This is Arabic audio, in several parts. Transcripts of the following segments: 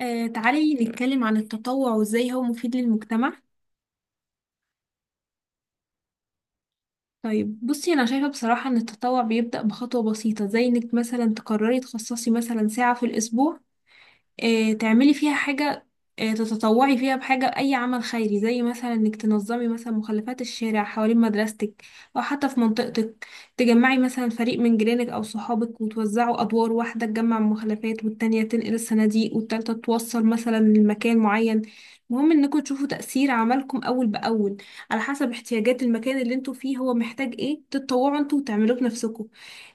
تعالي نتكلم عن التطوع وازاي هو مفيد للمجتمع. طيب بصي، انا شايفة بصراحة ان التطوع بيبدأ بخطوة بسيطة، زي انك مثلا تقرري تخصصي مثلا ساعة في الاسبوع، تعملي فيها حاجة، تتطوعي فيها بحاجة، أي عمل خيري، زي مثلا إنك تنظمي مثلا مخلفات الشارع حوالين مدرستك أو حتى في منطقتك. تجمعي مثلا فريق من جيرانك أو صحابك وتوزعوا أدوار، واحدة تجمع المخلفات والتانية تنقل الصناديق والتالتة توصل مثلا لمكان معين. المهم انكم تشوفوا تأثير عملكم أول بأول، على حسب احتياجات المكان اللي انتوا فيه، هو محتاج ايه تتطوعوا انتوا وتعملوه بنفسكم،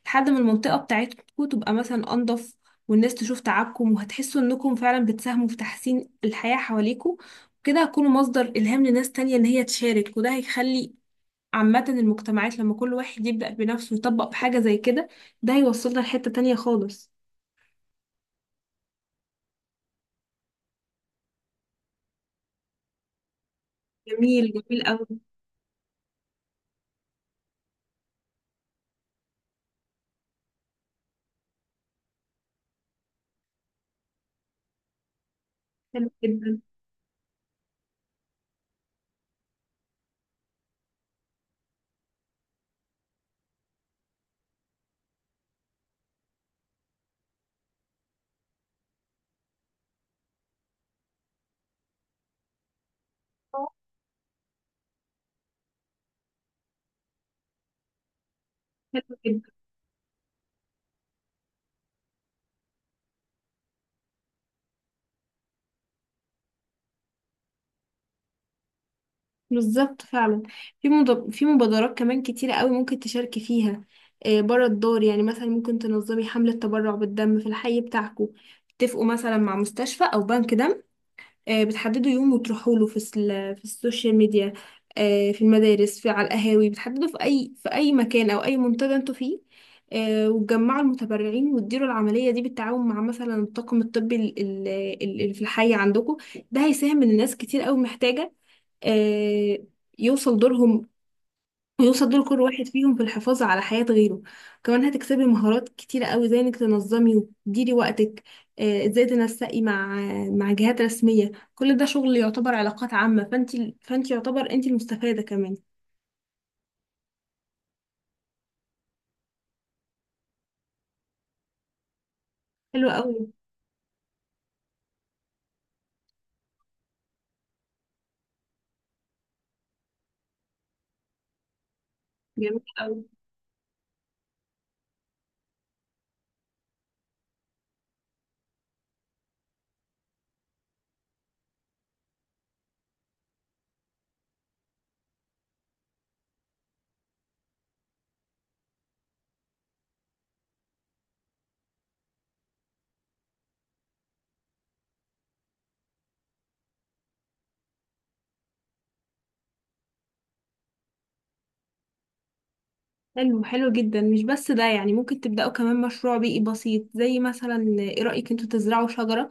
لحد ما المنطقة بتاعتكم تبقى مثلا أنضف والناس تشوف تعبكم، وهتحسوا انكم فعلا بتساهموا في تحسين الحياة حواليكم. وكده هتكونوا مصدر إلهام لناس تانية ان هي تشارك، وده هيخلي عامة المجتمعات، لما كل واحد يبدأ بنفسه ويطبق بحاجة زي كده، ده هيوصلنا لحتة تانية خالص. جميل جميل أوي. حلو جدا. حلو جدا. بالظبط فعلا. في مبادرات كمان كتيرة قوي ممكن تشاركي فيها، بره الدار يعني. مثلا ممكن تنظمي حملة تبرع بالدم في الحي بتاعكم، تتفقوا مثلا مع مستشفى أو بنك دم، بتحددوا يوم وتروحوا له. في السوشيال ميديا، في المدارس، في على القهاوي، بتحددوا في اي مكان او اي منتدى انتوا فيه، وتجمعوا المتبرعين وتديروا العملية دي بالتعاون مع مثلا الطاقم الطبي اللي في الحي عندكم. ده هيساهم ان ناس كتير قوي محتاجة، آه، يوصل دورهم، ويوصل دور كل واحد فيهم في الحفاظ على حياة غيره. كمان هتكسبي مهارات كتيرة قوي، زي انك تنظمي وتديري وقتك، ازاي تنسقي مع مع جهات رسمية. كل ده شغل يعتبر علاقات عامة، فانت يعتبر انت المستفادة كمان. حلو قوي. جميل قوي. حلو حلو جدا. مش بس ده يعني، ممكن تبدأوا كمان مشروع بيئي بسيط، زي مثلا ايه رأيك انتوا تزرعوا شجرة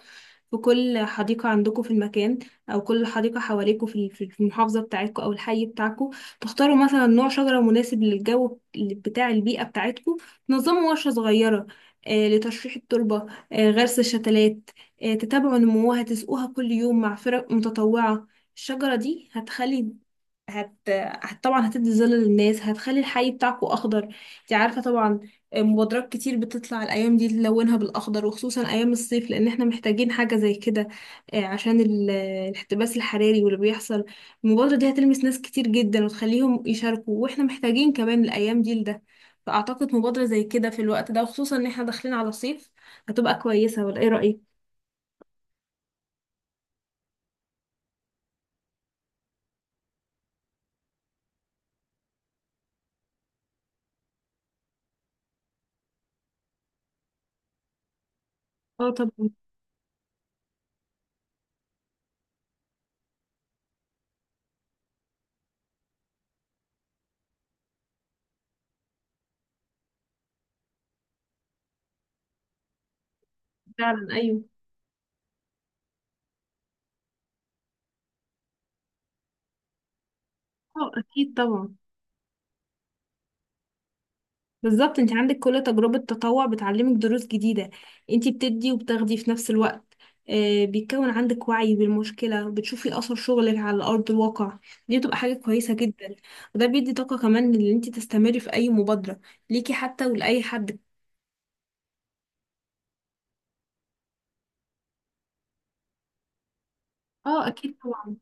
في كل حديقة عندكم في المكان، أو كل حديقة حواليكم في المحافظة بتاعتكم أو الحي بتاعكم. تختاروا مثلا نوع شجرة مناسب للجو بتاع البيئة بتاعتكم، تنظموا ورشة صغيرة لتشريح التربة، غرس الشتلات، تتابعوا نموها، تسقوها كل يوم مع فرق متطوعة. الشجرة دي هتخلي، هت... هت طبعا هتدي ظل للناس، هتخلي الحي بتاعكو اخضر. انت عارفه طبعا، مبادرات كتير بتطلع الايام دي تلونها بالاخضر، وخصوصا ايام الصيف، لان احنا محتاجين حاجه زي كده، عشان الاحتباس الحراري واللي بيحصل. المبادره دي هتلمس ناس كتير جدا وتخليهم يشاركوا، واحنا محتاجين كمان الايام دي لده. فاعتقد مبادره زي كده في الوقت ده، وخصوصا ان احنا داخلين على الصيف، هتبقى كويسه، ولا ايه رايك؟ اه طبعا. فعلا ايوه. اه اكيد طبعا. بالظبط، انت عندك كل تجربة تطوع بتعلمك دروس جديدة. انت بتدي وبتاخدي في نفس الوقت، بيتكون عندك وعي بالمشكلة، بتشوفي أثر شغلك على أرض الواقع. دي بتبقى حاجة كويسة جدا، وده بيدي طاقة كمان ان انت تستمري في أي مبادرة ليكي حتى، ولأي حد. اه أكيد طبعا.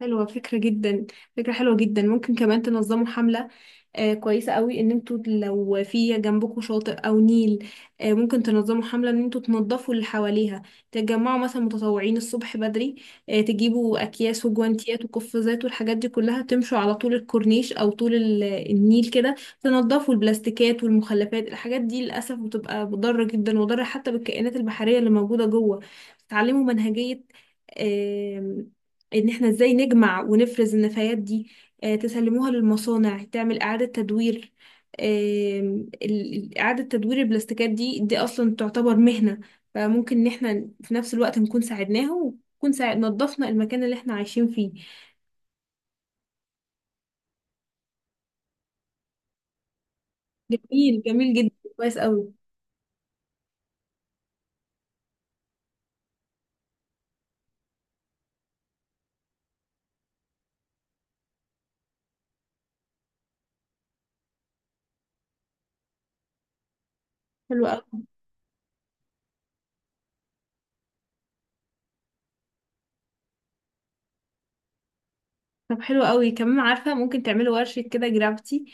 حلوة فكرة جدا. فكرة حلوة جدا. ممكن كمان تنظموا حملة كويسة قوي، ان انتوا لو في جنبكم شاطئ او نيل، ممكن تنظموا حملة ان انتوا تنظفوا اللي حواليها. تتجمعوا مثلا متطوعين الصبح بدري، تجيبوا اكياس وجوانتيات وقفازات والحاجات دي كلها، تمشوا على طول الكورنيش او طول النيل كده، تنظفوا البلاستيكات والمخلفات. الحاجات دي للاسف بتبقى مضرة جدا، مضرة حتى بالكائنات البحرية اللي موجودة جوه. تتعلموا منهجية آم، ان احنا ازاي نجمع ونفرز النفايات دي، تسلموها للمصانع تعمل إعادة تدوير. إعادة تدوير البلاستيكات دي أصلا تعتبر مهنة. فممكن إن احنا في نفس الوقت نكون ساعدناها، ونكون ساعد نظفنا المكان اللي احنا عايشين فيه. جميل جميل جدا، كويس أوي. حلو أوي. طب حلو قوي. كمان عارفة، ممكن تعملوا ورشة كده جرافيتي،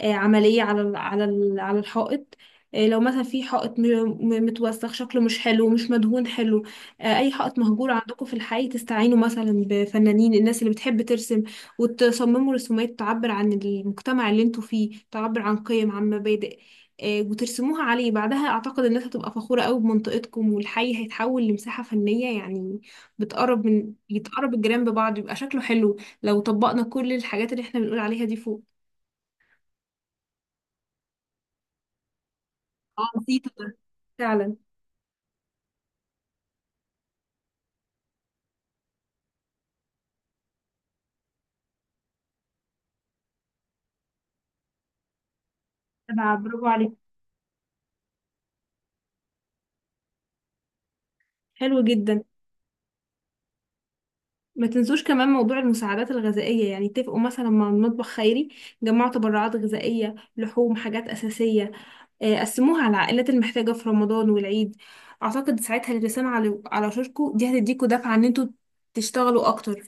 عملية على الحائط. لو مثلا في حائط متوسخ، شكله مش حلو، مش مدهون حلو، أي حائط مهجور عندكم في الحي، تستعينوا مثلا بفنانين، الناس اللي بتحب ترسم، وتصمموا رسومات تعبر عن المجتمع اللي انتوا فيه، تعبر عن قيم، عن مبادئ، وترسموها عليه. بعدها أعتقد الناس هتبقى فخورة قوي بمنطقتكم، والحي هيتحول لمساحة فنية يعني، بتقرب من، يتقرب الجيران ببعض، يبقى شكله حلو، لو طبقنا كل الحاجات اللي احنا بنقول عليها دي فوق. اه بسيطة ده. فعلا. تبع برافو عليك. حلو جدا. ما تنسوش كمان موضوع المساعدات الغذائية. يعني اتفقوا مثلا مع المطبخ خيري، جمعوا تبرعات غذائية، لحوم، حاجات أساسية، قسموها على العائلات المحتاجة في رمضان والعيد. أعتقد ساعتها الرسالة على على شاركو دي هتديكوا دفعة إن انتوا تشتغلوا أكتر.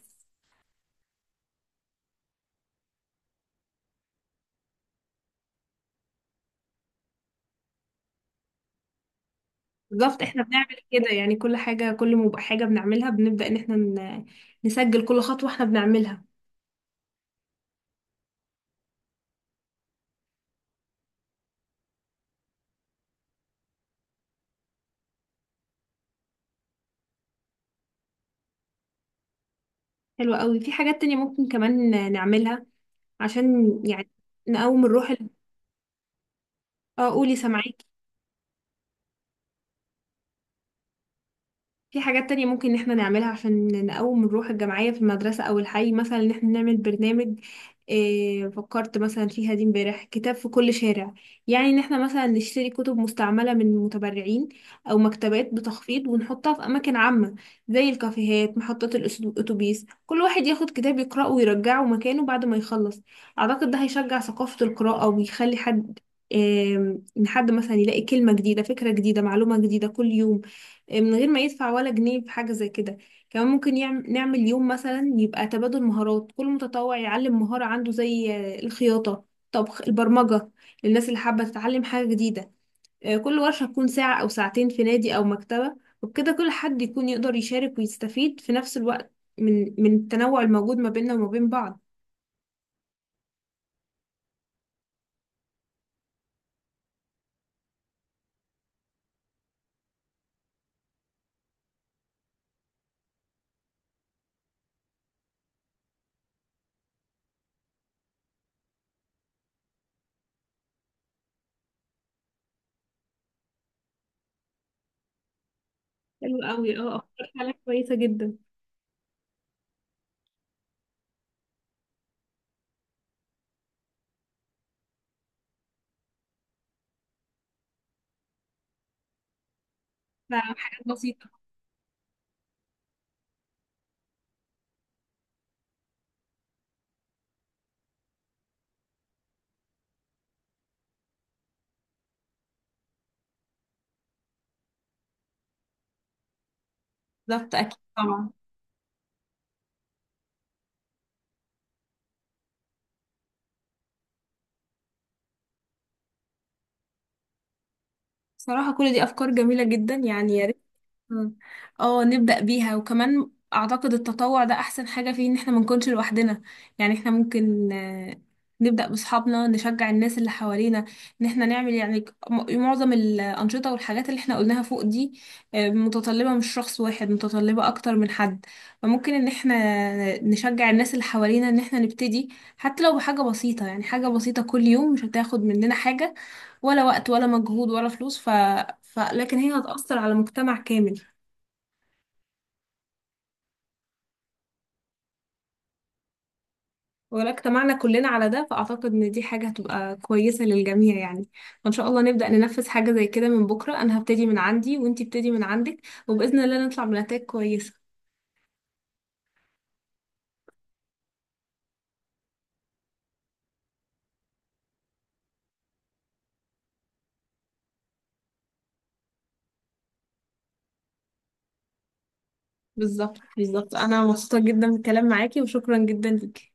بالظبط، احنا بنعمل كده يعني. كل حاجة، كل ما بقى حاجة بنعملها، بنبدأ إن احنا نسجل كل خطوة احنا بنعملها. حلوة قوي. في حاجات تانية ممكن كمان نعملها عشان يعني نقوم الروح اه قولي سامعاكي. في حاجات تانية ممكن ان احنا نعملها عشان نقوم الروح الجماعية في المدرسة او الحي، مثلا ان احنا نعمل برنامج، إيه فكرت مثلا فيها دي امبارح، كتاب في كل شارع. يعني ان احنا مثلا نشتري كتب مستعملة من متبرعين او مكتبات بتخفيض، ونحطها في اماكن عامة، زي الكافيهات، محطات الاتوبيس. كل واحد ياخد كتاب يقرأه ويرجعه مكانه بعد ما يخلص. اعتقد ده هيشجع ثقافة القراءة، ويخلي حد، إيه، ان حد مثلا يلاقي كلمة جديدة، فكرة جديدة، معلومة جديدة كل يوم، من غير ما يدفع ولا جنيه في حاجة زي كده. كمان ممكن نعمل يوم مثلا يبقى تبادل مهارات، كل متطوع يعلم مهارة عنده، زي الخياطة، طبخ، البرمجة، للناس اللي حابة تتعلم حاجة جديدة. كل ورشة تكون ساعة أو ساعتين في نادي أو مكتبة، وبكده كل حد يكون يقدر يشارك ويستفيد في نفس الوقت، من التنوع الموجود ما بيننا وما بين بعض. حلو قوي. اه أفكار فعلا كويسة جدا. فحاجات بسيطة. بالظبط أكيد طبعا. بصراحة كل دي أفكار جميلة جدا يعني، يا ريت. مم. اه نبدأ بيها. وكمان اعتقد التطوع ده احسن حاجة فيه ان احنا ما نكونش لوحدنا. يعني احنا ممكن نبدأ باصحابنا، نشجع الناس اللي حوالينا ان احنا نعمل يعني، معظم الأنشطة والحاجات اللي احنا قلناها فوق دي متطلبة مش شخص واحد، متطلبة اكتر من حد. فممكن ان احنا نشجع الناس اللي حوالينا ان احنا نبتدي، حتى لو بحاجة بسيطة. يعني حاجة بسيطة كل يوم مش هتاخد مننا حاجة، ولا وقت ولا مجهود ولا فلوس، لكن هي هتأثر على مجتمع كامل. ولا اجتمعنا كلنا على ده، فأعتقد إن دي حاجة هتبقى كويسة للجميع يعني. فإن شاء الله نبدأ ننفذ حاجة زي كده من بكرة، أنا هبتدي من عندي وإنتي ابتدي من عندك، وبإذن الله نطلع بنتائج كويسة. بالظبط بالظبط. أنا مبسوطة جدا بالكلام معاكي، وشكرا جدا ليكي.